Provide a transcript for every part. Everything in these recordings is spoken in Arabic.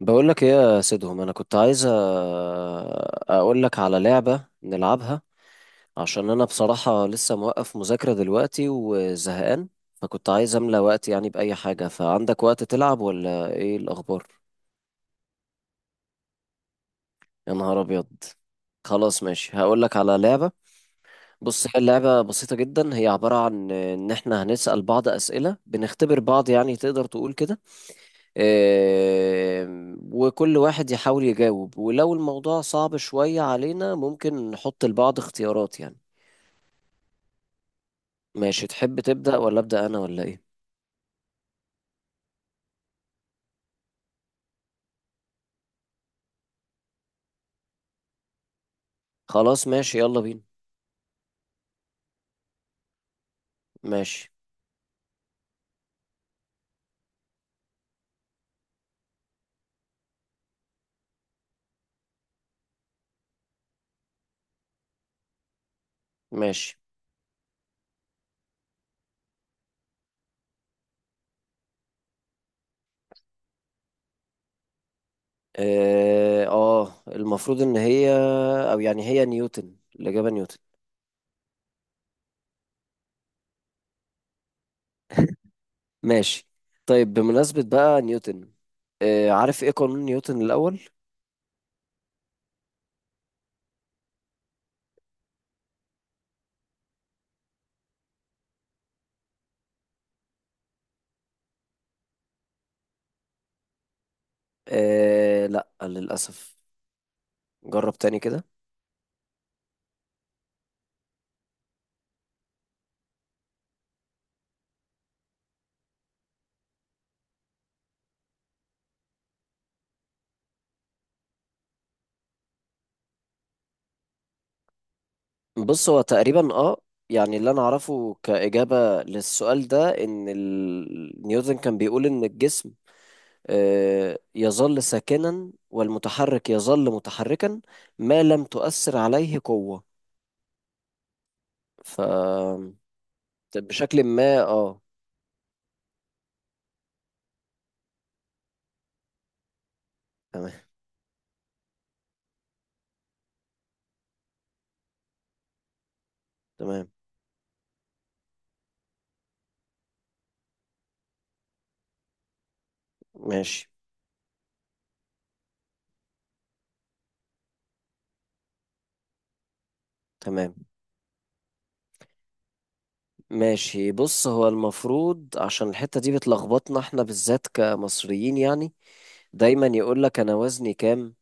بقول لك ايه يا سيدهم، انا كنت عايز اقول لك على لعبة نلعبها. عشان انا بصراحة لسه موقف مذاكرة دلوقتي وزهقان. فكنت عايز املى وقت يعني بأي حاجة. فعندك وقت تلعب ولا ايه الاخبار؟ يا نهار ابيض! خلاص ماشي، هقول لك على لعبة. بص، هي اللعبة بسيطة جدا، هي عبارة عن ان احنا هنسأل بعض أسئلة، بنختبر بعض يعني تقدر تقول كده. وكل واحد يحاول يجاوب، ولو الموضوع صعب شوية علينا ممكن نحط لبعض اختيارات يعني. ماشي، تحب تبدأ ولا أبدأ أنا ولا إيه؟ خلاص ماشي، يلا بينا. ماشي. ماشي. المفروض إن هي، أو يعني هي نيوتن، الإجابة نيوتن. ماشي. طيب بمناسبة بقى نيوتن، عارف إيه قانون نيوتن الأول؟ لا، للأسف. جرب تاني كده. بص، هو تقريبا يعني اللي انا اعرفه كإجابة للسؤال ده، ان نيوتن كان بيقول ان الجسم يظل ساكنا، والمتحرك يظل متحركا ما لم تؤثر عليه قوة. ف طب بشكل ما تمام. تمام. ماشي. تمام. ماشي، بص، هو المفروض عشان الحتة دي بتلخبطنا احنا بالذات كمصريين يعني. دايما يقول لك انا وزني كام،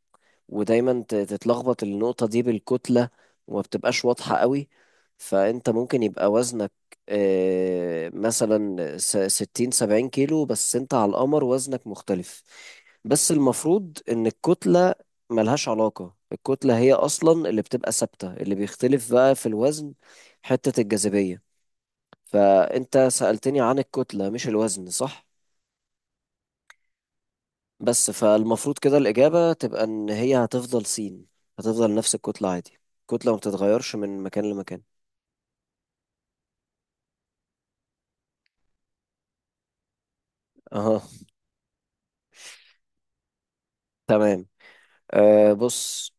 ودايما تتلخبط النقطة دي بالكتلة، وما بتبقاش واضحة قوي. فأنت ممكن يبقى وزنك مثلا 60 70 كيلو، بس أنت على القمر وزنك مختلف. بس المفروض إن الكتلة ملهاش علاقة، الكتلة هي أصلا اللي بتبقى ثابتة، اللي بيختلف بقى في الوزن حتة الجاذبية. فأنت سألتني عن الكتلة مش الوزن، صح؟ بس فالمفروض كده الإجابة تبقى إن هي هتفضل سين، هتفضل نفس الكتلة عادي، الكتلة ما بتتغيرش من مكان لمكان. أها. تمام. بص،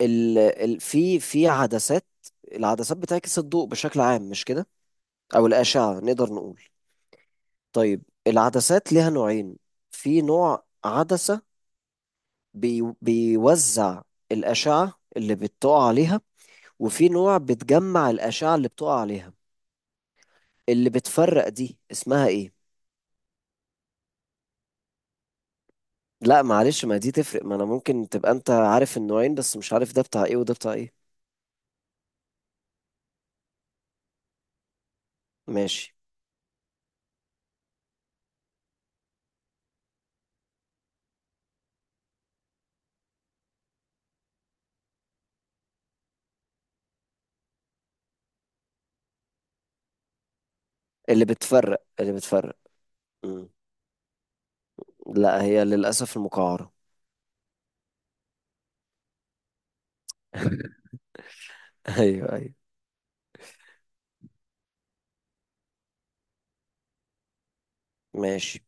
ال في عدسات، العدسات بتعكس الضوء بشكل عام، مش كده؟ أو الأشعة نقدر نقول. طيب العدسات ليها نوعين، في نوع عدسة بيوزع الأشعة اللي بتقع عليها، وفي نوع بتجمع الأشعة اللي بتقع عليها. اللي بتفرق دي اسمها إيه؟ لا معلش، ما دي تفرق، ما انا ممكن تبقى انت عارف النوعين بس مش عارف ده بتاع ايه وده بتاع ايه. ماشي. اللي بتفرق، اللي بتفرق. مم. لا، هي للأسف المقعرة. ايوه، ايوه. ماشي.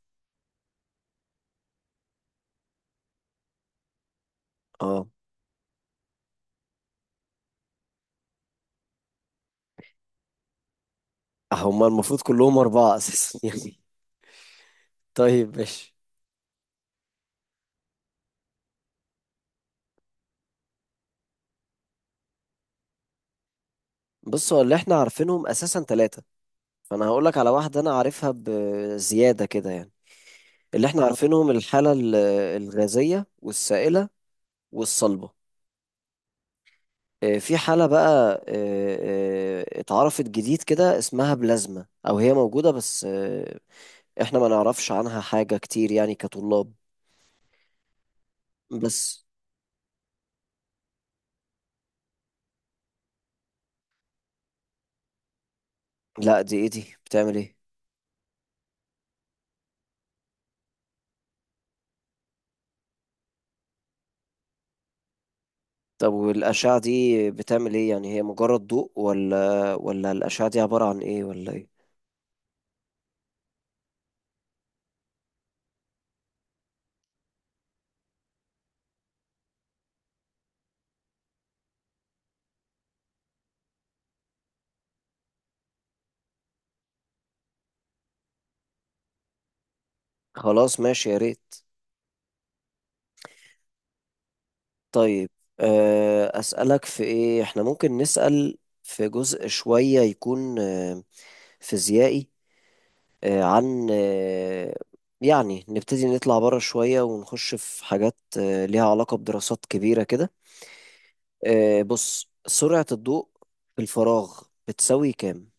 اه هما المفروض كلهم أربعة أساسا يعني. طيب ماشي. بص، هو اللي احنا عارفينهم أساسا ثلاثة، فأنا هقولك على واحدة أنا عارفها بزيادة كده يعني. اللي احنا عارفينهم الحالة الغازية والسائلة والصلبة. في حالة بقى اتعرفت جديد كده اسمها بلازما، أو هي موجودة بس احنا ما نعرفش عنها حاجة كتير يعني كطلاب. بس لا، دي ايه، دي بتعمل ايه؟ طب والأشعة دي بتعمل ايه؟ يعني هي مجرد ضوء ولا الأشعة دي عبارة عن ايه ولا ايه؟ خلاص ماشي، يا ريت. طيب، أسألك في ايه، احنا ممكن نسأل في جزء شوية يكون فيزيائي، عن يعني نبتدي نطلع بره شوية ونخش في حاجات ليها علاقة بدراسات كبيرة كده. بص، سرعة الضوء في الفراغ بتساوي كام؟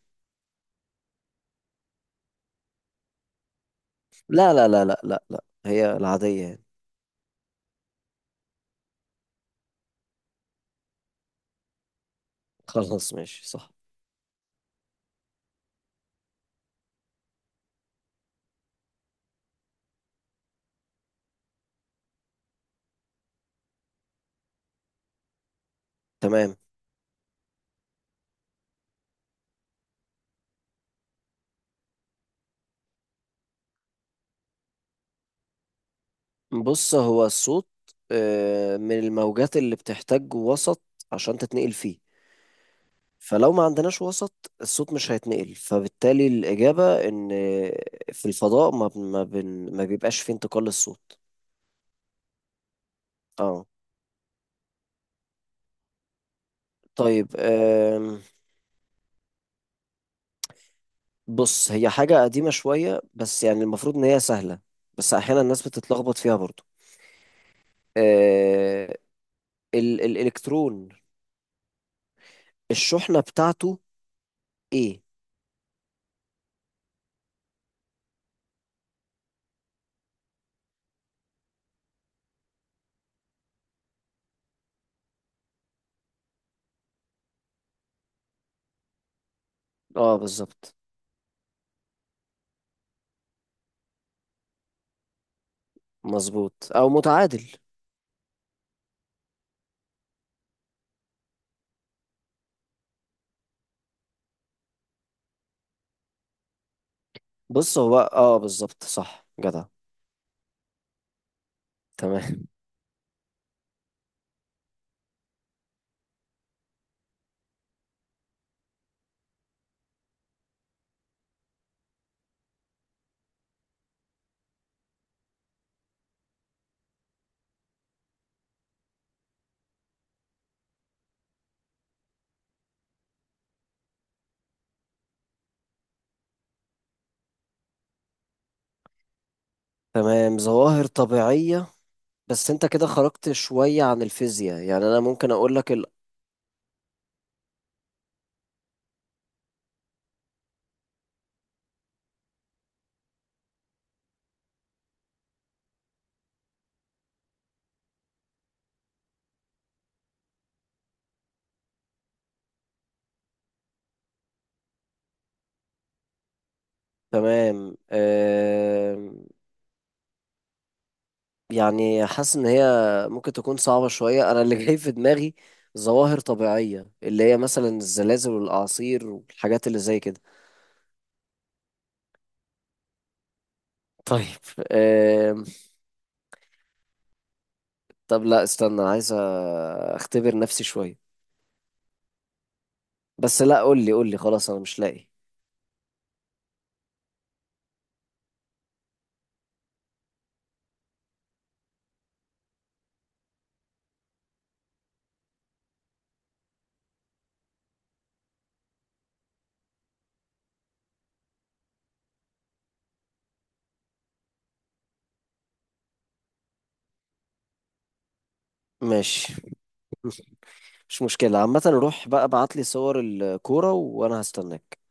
لا، لا، لا، لا، لا، لا، هي العادية يعني. خلاص ماشي صح. تمام. بص، هو الصوت من الموجات اللي بتحتاج وسط عشان تتنقل فيه، فلو ما عندناش وسط الصوت مش هيتنقل، فبالتالي الإجابة إن في الفضاء ما بيبقاش فيه انتقال للصوت. اه. طيب. بص، هي حاجة قديمة شوية بس يعني المفروض إن هي سهلة، بس أحيانا الناس بتتلخبط فيها برضو. أه، الإلكترون الشحنة بتاعته إيه؟ اه، بالظبط. مظبوط، أو متعادل. بص، هو بالظبط صح جدع. تمام. تمام. ظواهر طبيعية. بس أنت كده خرجت شوية عن الفيزياء يعني، أنا ممكن أقول لك تمام. يعني حاسس ان هي ممكن تكون صعبة شوية. انا اللي جاي في دماغي ظواهر طبيعية، اللي هي مثلا الزلازل والاعاصير والحاجات اللي زي كده. طيب. آم، طب لا، استنى عايز اختبر نفسي شوية. بس لا، قول لي، قول لي، خلاص انا مش لاقي. ماشي. مش مشكلة عامة، روح بقى ابعت لي صور الكورة وانا هستناك.